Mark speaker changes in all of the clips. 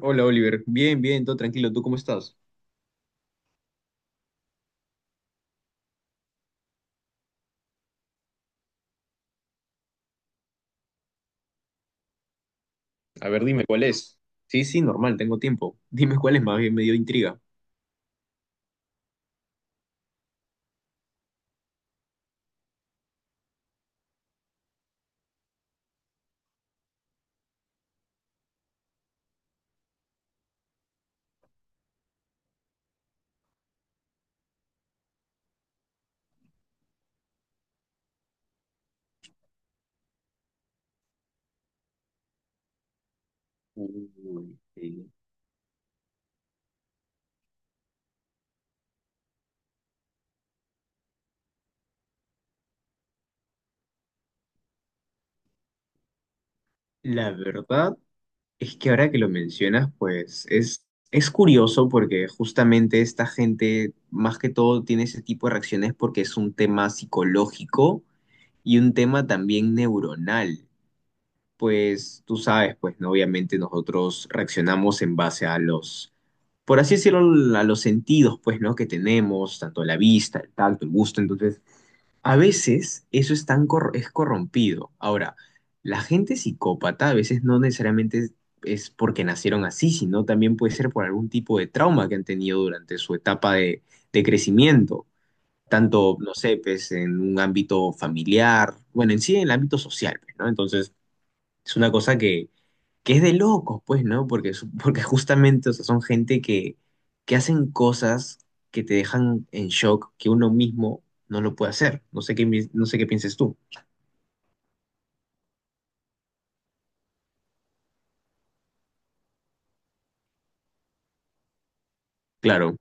Speaker 1: Hola Oliver, bien, bien, todo tranquilo, ¿tú cómo estás? A ver, dime cuál es. Sí, sí, normal, tengo tiempo. Dime cuál es, más bien me dio intriga. Uy, sí. La verdad es que ahora que lo mencionas, es curioso porque justamente esta gente más que todo tiene ese tipo de reacciones porque es un tema psicológico y un tema también neuronal. Pues tú sabes, pues, ¿no? Obviamente nosotros reaccionamos en base a los por así decirlo, a los sentidos, pues, ¿no? Que tenemos, tanto la vista, el tacto, el gusto. Entonces, a veces eso es es corrompido. Ahora, la gente psicópata a veces no necesariamente es porque nacieron así, sino también puede ser por algún tipo de trauma que han tenido durante su etapa de crecimiento. Tanto, no sé, pues, en un ámbito familiar, bueno, en sí, en el ámbito social, pues, ¿no? Entonces, es una cosa que es de locos, pues, ¿no? Porque, porque justamente, o sea, son gente que hacen cosas que te dejan en shock, que uno mismo no lo puede hacer. No sé qué pienses tú. Claro.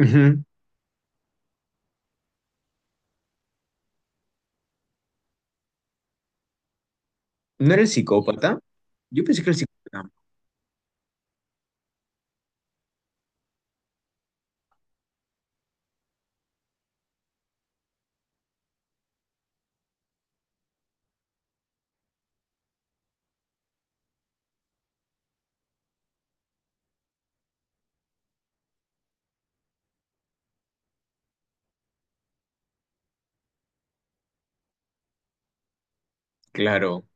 Speaker 1: Ujú. ¿No era el psicópata? Yo pensé que era el psicópata. Claro.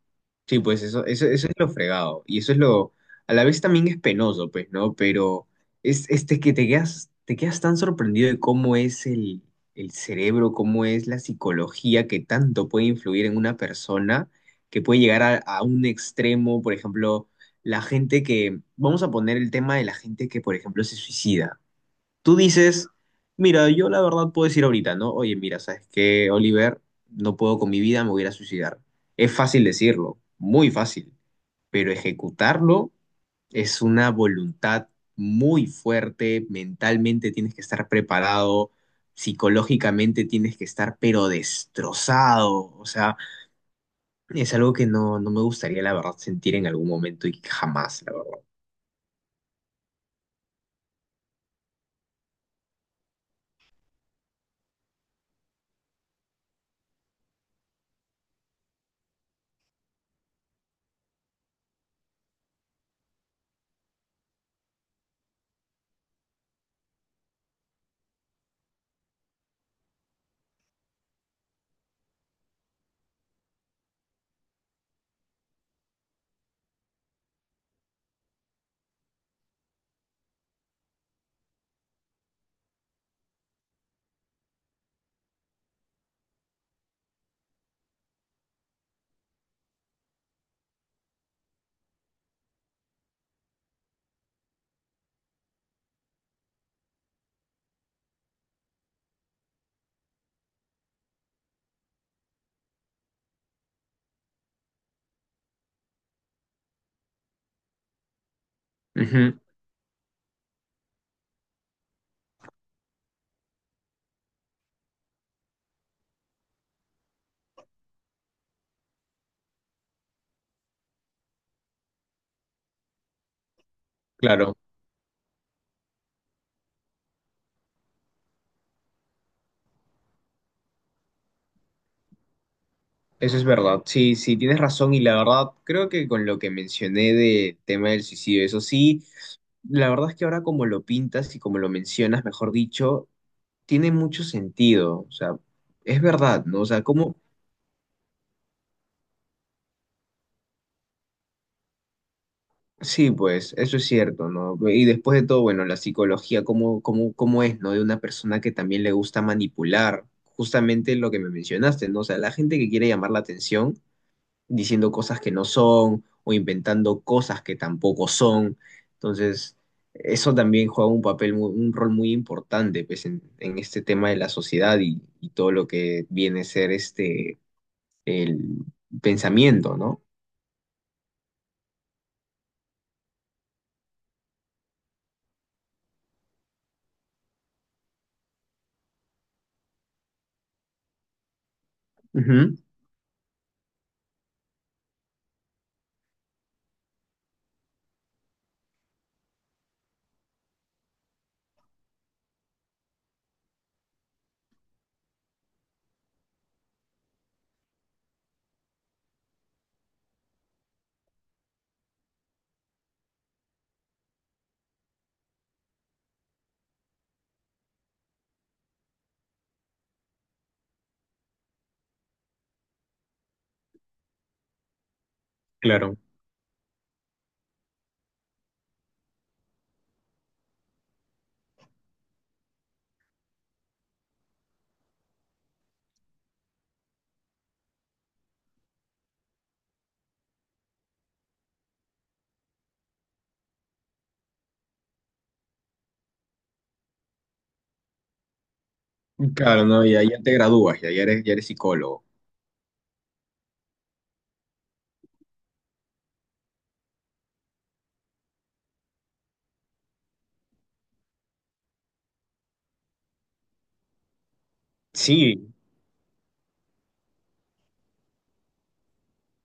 Speaker 1: Sí, pues eso es lo fregado. A la vez también es penoso, pues, ¿no? Pero es este que te quedas tan sorprendido de cómo es el cerebro, cómo es la psicología que tanto puede influir en una persona, que puede llegar a un extremo, por ejemplo, la gente que, vamos a poner el tema de la gente que, por ejemplo, se suicida. Tú dices, mira, yo la verdad puedo decir ahorita, ¿no? Oye, mira, ¿sabes qué, Oliver? No puedo con mi vida, me voy a ir a suicidar. Es fácil decirlo, muy fácil, pero ejecutarlo es una voluntad muy fuerte, mentalmente tienes que estar preparado, psicológicamente tienes que estar pero destrozado, o sea, es algo que no me gustaría, la verdad, sentir en algún momento y jamás, la verdad. Ujú, claro. Eso es verdad, sí, sí, tienes razón y la verdad creo que con lo que mencioné del tema del suicidio, eso sí, la verdad es que ahora como lo pintas y como lo mencionas, mejor dicho, tiene mucho sentido, o sea, es verdad, ¿no? O sea, como, sí, pues, eso es cierto, ¿no? Y después de todo, bueno, la psicología, cómo es, ¿no? De una persona que también le gusta manipular, justamente lo que me mencionaste, ¿no? O sea, la gente que quiere llamar la atención diciendo cosas que no son o inventando cosas que tampoco son. Entonces, eso también juega un papel, un rol muy importante pues, en este tema de la sociedad y todo lo que viene a ser este, el pensamiento, ¿no? Ujú, claro. Claro, no, ya, ya te gradúas, ya, ya eres psicólogo. Sí,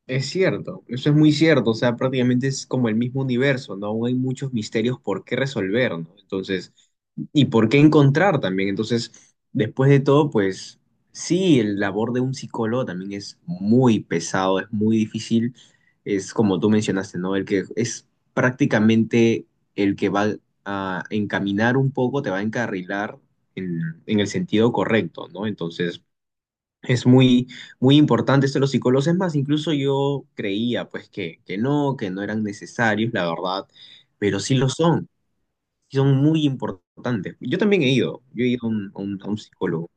Speaker 1: es cierto, eso es muy cierto, o sea, prácticamente es como el mismo universo, ¿no? Aún hay muchos misterios por qué resolver, ¿no? Entonces, y por qué encontrar también. Entonces, después de todo, pues sí, el labor de un psicólogo también es muy pesado, es muy difícil, es como tú mencionaste, ¿no? El que es prácticamente el que va a encaminar un poco, te va a encarrilar en, en el sentido correcto, ¿no? Entonces... Es muy, muy importante esto de los psicólogos. Es más, incluso yo creía pues que no eran necesarios, la verdad, pero sí lo son, y son muy importantes. Yo también he ido, yo he ido a un psicólogo.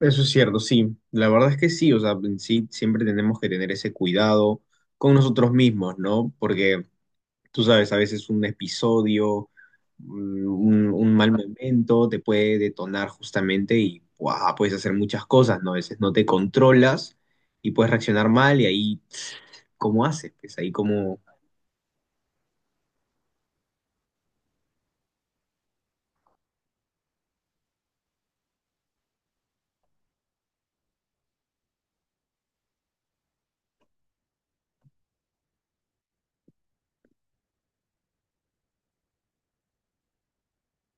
Speaker 1: Eso es cierto, sí, la verdad es que sí, o sea, sí, siempre tenemos que tener ese cuidado con nosotros mismos, ¿no? Porque tú sabes, a veces un episodio, un mal momento te puede detonar justamente y ¡guau! Puedes hacer muchas cosas, ¿no? A veces no te controlas y puedes reaccionar mal y ahí, ¿cómo haces? Pues ahí como,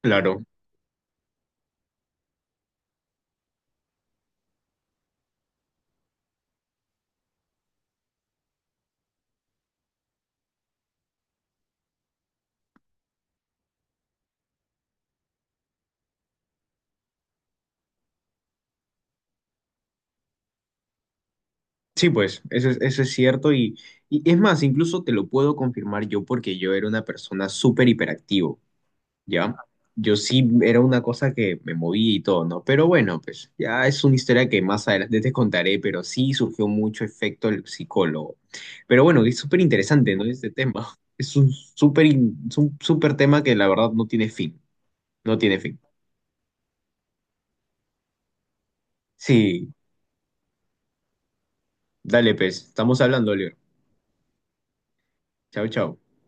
Speaker 1: claro. Sí, pues, eso es cierto y es más, incluso te lo puedo confirmar yo porque yo era una persona súper hiperactivo. ¿Ya? Yo sí era una cosa que me movía y todo, ¿no? Pero bueno, pues ya es una historia que más adelante te contaré, pero sí surgió mucho efecto el psicólogo. Pero bueno, es súper interesante, ¿no? Este tema. Es un súper tema que la verdad no tiene fin, no tiene fin. Sí, dale, pues, estamos hablando, Leo. Chao, chao.